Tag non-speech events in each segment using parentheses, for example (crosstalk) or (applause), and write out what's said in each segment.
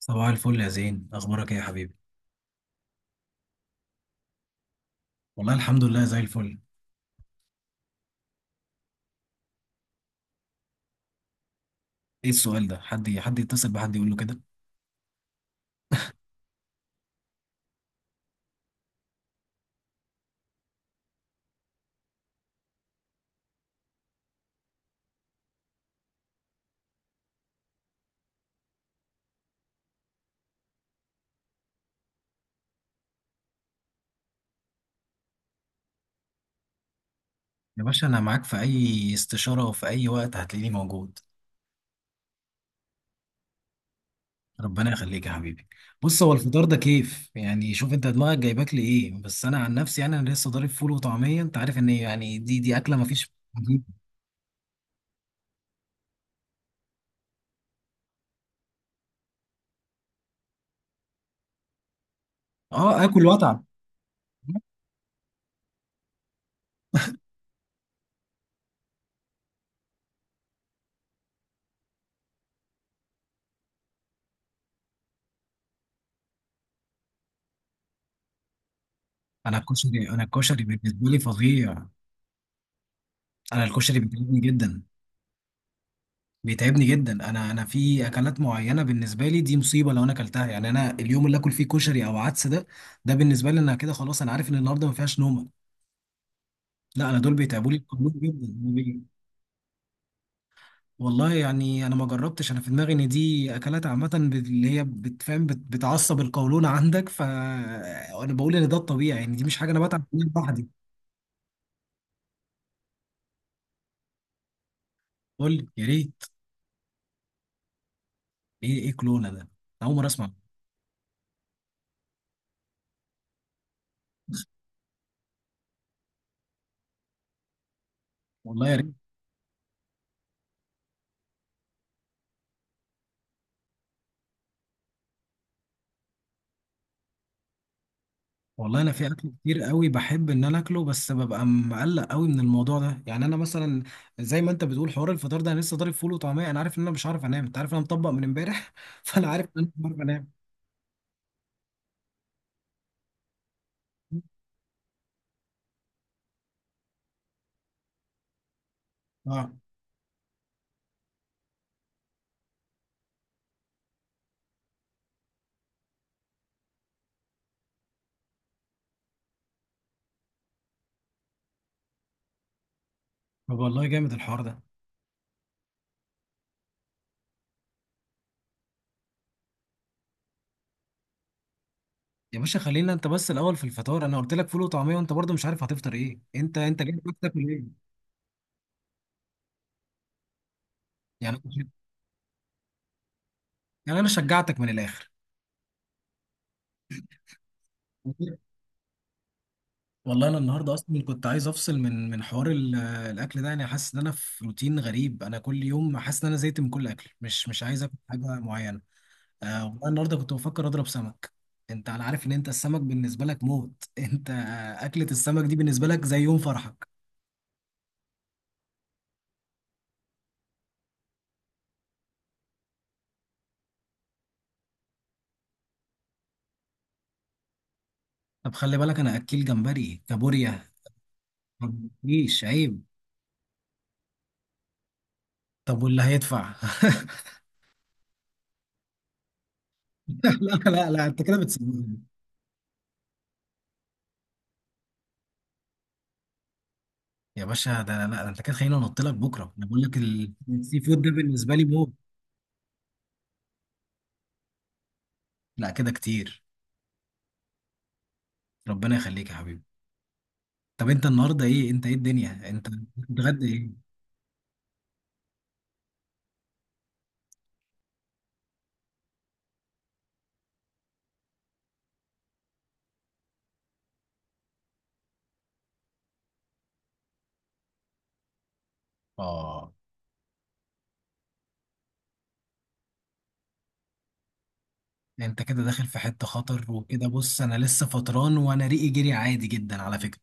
صباح الفل يا زين، اخبارك ايه يا حبيبي؟ والله الحمد لله زي الفل. ايه السؤال ده؟ حد يتصل بحد يقول له كده؟ يا باشا انا معاك في اي استشاره وفي اي وقت، هتلاقيني موجود. ربنا يخليك يا حبيبي. بص، هو الفطار ده كيف يعني؟ شوف انت دماغك جايباك لايه، بس انا عن نفسي يعني انا لسه ضارب فول وطعميه. انت عارف ان يعني دي اكله ما فيش. اه، اكل واتعب. انا الكشري بالنسبه لي فظيع. انا الكشري بيعجبني جدا. بيتعبني جدا. انا في اكلات معينه بالنسبه لي دي مصيبه. لو انا اكلتها يعني انا اليوم اللي اكل فيه كشري او عدس، ده بالنسبه لي انا كده خلاص. انا عارف ان النهارده ما فيهاش نومه. لا انا دول بيتعبوا لي القولون جدا والله يعني انا ما جربتش. انا في دماغي ان دي اكلات عامه اللي هي بتفهم بتعصب القولون عندك، فانا بقول ان ده الطبيعي، يعني دي مش حاجه انا بتعب منها لوحدي. قول لي يا ريت. ايه كلونه ده؟ أنا اول مره اسمع. والله يا ريت. والله انا في اكل كتير قوي بحب ان انا اكله، بس ببقى مقلق قوي من الموضوع ده. يعني انا مثلا زي ما انت بتقول حوار الفطار ده، انا لسه ضارب فول وطعميه، انا عارف ان انا مش عارف انام. انت عارف ان انا مطبق من امبارح (laughs) فانا عارف ان انا مش عارف انام. اه طب والله جامد الحوار ده. يا باشا خلينا انت بس الاول. في الفطار انا قلت لك فول وطعميه، وانت برضه مش عارف هتفطر ايه. انت ليه بتاكل ايه؟ يعني يعني انا شجعتك من الاخر. والله انا النهارده اصلا كنت عايز افصل من حوار الاكل ده. يعني حاسس ان انا في روتين غريب، انا كل يوم حاسس ان انا زهقت من كل اكل، مش عايز اكل حاجه معينه. آه والله النهارده كنت بفكر اضرب سمك. انت انا عارف ان انت السمك بالنسبه لك موت (laughs) انت اكله السمك دي بالنسبه لك زي يوم فرحك. طب خلي بالك انا اكيل جمبري كابوريا، مفيش عيب. طب واللي هيدفع؟ (laughs) لا لا لا، انت كده بتسيبني. يا باشا ده، لا ده انت كده، خليني انط لك بكره. انا بقول لك السي فود ده بالنسبه لي موت. لا كده كتير. ربنا يخليك يا حبيبي. طب انت النهارده ايه؟ انت ايه الدنيا؟ انت بتتغدى ايه؟ اه انت كده داخل في حته خطر، وكده بص انا لسه فطران وانا ريقي جري عادي جدا على فكره.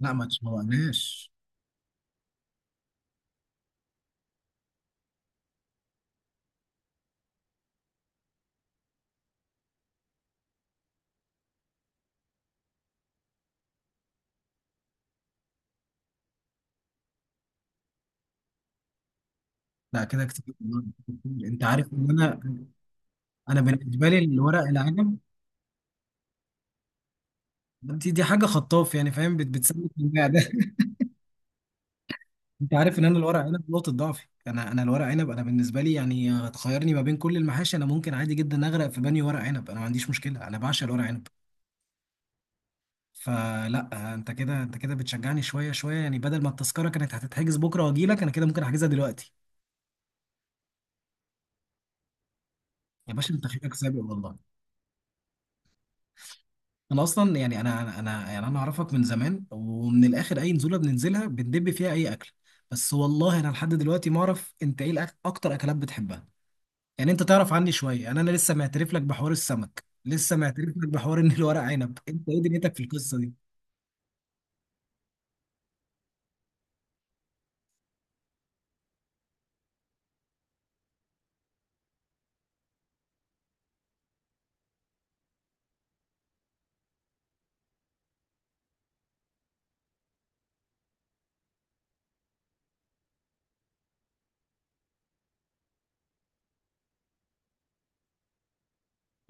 لا ما تشوقناش. لا كده كتير والله، كتير. انت عارف ان انا، انا بالنسبه لي الورق العنب، دي حاجه خطاف يعني فاهم بتسلك المعده (laughs) انت عارف ان انا الورق عنب نقطه ضعفي. انا الورق عنب انا بالنسبه لي يعني تخيرني ما بين كل المحاشي، انا ممكن عادي جدا اغرق في بانيو ورق عنب، انا ما عنديش مشكله، انا بعشق الورق عنب. فلا انت كده، بتشجعني شويه شويه يعني. بدل ما التذكره كانت هتتحجز بكره واجي لك، انا كده ممكن احجزها دلوقتي. يا باشا انت فيك سابق والله. انا اصلا يعني انا اعرفك من زمان، ومن الاخر اي نزوله بننزلها بندب فيها اي اكل. بس والله انا لحد دلوقتي ما اعرف انت ايه اكتر اكلات بتحبها. يعني انت تعرف عني شويه يعني. انا لسه معترف لك بحوار السمك، لسه معترف لك بحوار ان الورق عنب. انت ايه دنيتك في القصه دي؟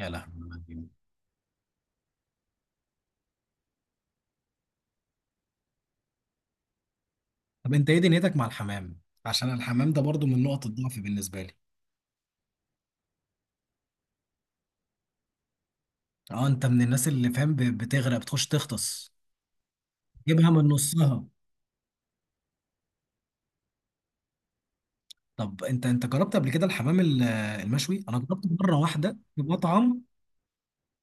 يا لهوي. طب انت ايه دنيتك مع الحمام؟ عشان الحمام ده برضو من نقط الضعف بالنسبه لي. اه انت من الناس اللي فاهم بتغرق بتخش تغطس. جيبها من نصها. طب انت جربت قبل كده الحمام المشوي؟ انا جربته مره واحده في مطعم.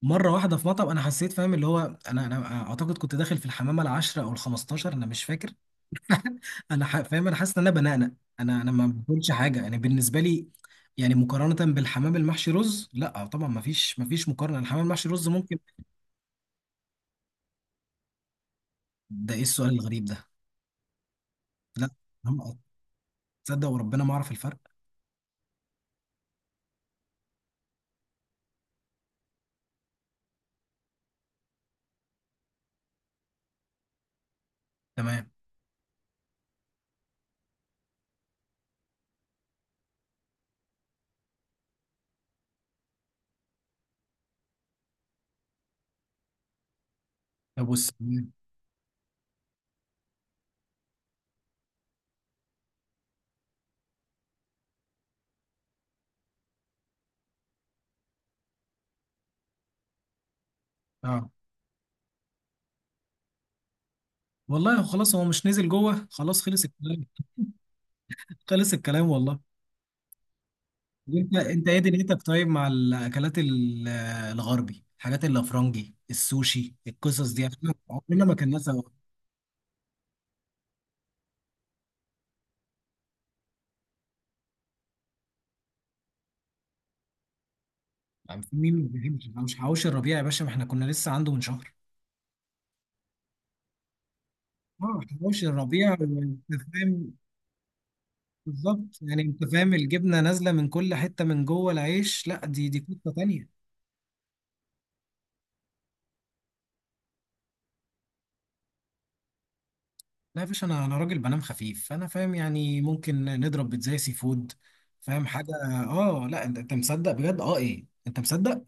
انا حسيت فاهم اللي هو، انا اعتقد كنت داخل في الحمامه العاشره او الخمستاشر، انا مش فاكر (laughs) فاهم، انا حاسس ان انا بنقنق. انا ما باكلش حاجه يعني بالنسبه لي. يعني مقارنه بالحمام المحشي رز لا طبعا ما فيش مقارنه. الحمام المحشي رز ممكن. ده ايه السؤال الغريب ده؟ لا. هم- تصدق وربنا ما اعرف الفرق. تمام. طب بص. اه والله خلاص، هو مش نزل جوه. خلاص، خلص الكلام. خلص الكلام والله. انت ايه دنيتك طيب مع الاكلات الغربي، الحاجات الافرنجي، السوشي، القصص دي؟ عشان عمرنا ما كان ناس. يعني في مين ما بيحبش؟ مش حواوشي الربيع يا باشا، ما احنا كنا لسه عنده من شهر. اه حواوشي الربيع انت فاهم بالظبط، يعني انت فاهم الجبنه نازله من كل حته من جوه العيش. لا دي قصه تانيه. لا يا باشا انا، راجل بنام خفيف، فانا فاهم يعني ممكن نضرب بيتزا سي فود، فاهم حاجه؟ اه لا أنت مصدق بجد؟ اه ايه، انت مصدق؟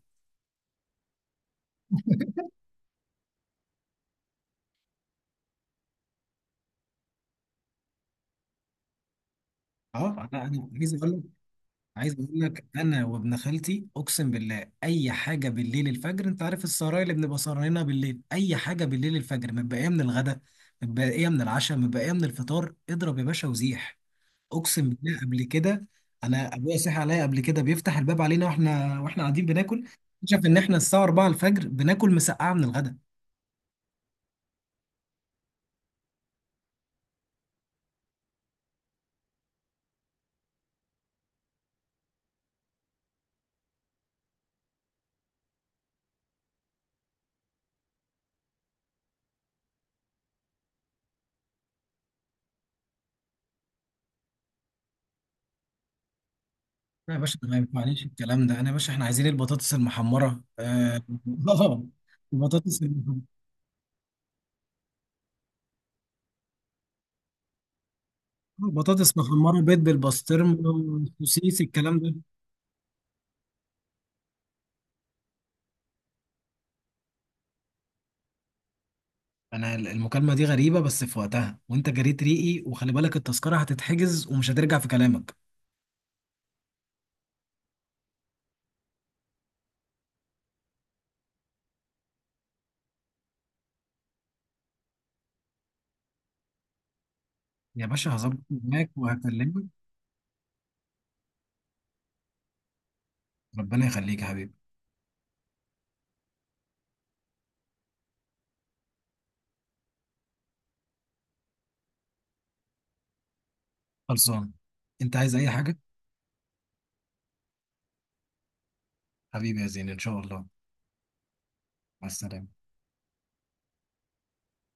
اه لا انا عايز اقول لك، انا وابن خالتي اقسم بالله، اي حاجه بالليل الفجر انت عارف السهرايه اللي بنبقى سهرانينها، بالليل اي حاجه بالليل الفجر، متبقيه من الغدا، متبقيه من العشاء، متبقيه من الفطار، اضرب يا باشا وزيح. اقسم بالله قبل كده انا ابويا صحي عليا قبل كده، بيفتح الباب علينا واحنا قاعدين بناكل. اكتشف ان احنا الساعه 4 الفجر بناكل مسقعه من الغداء. لا يا باشا، أنا ما ينفعنيش الكلام ده. انا يا باشا احنا عايزين البطاطس المحمره، اه (laughs) البطاطس المحمره، بطاطس محمره بيض بالبسطرمه وسوسيس الكلام ده. انا المكالمه دي غريبه بس في وقتها، وانت جريت ريقي، وخلي بالك التذكره هتتحجز ومش هترجع في كلامك. يا باشا هظبط معاك وهكلمك. ربنا يخليك يا حبيبي. خلصان. انت عايز اي حاجة؟ حبيبي يا زين ان شاء الله. مع السلامة.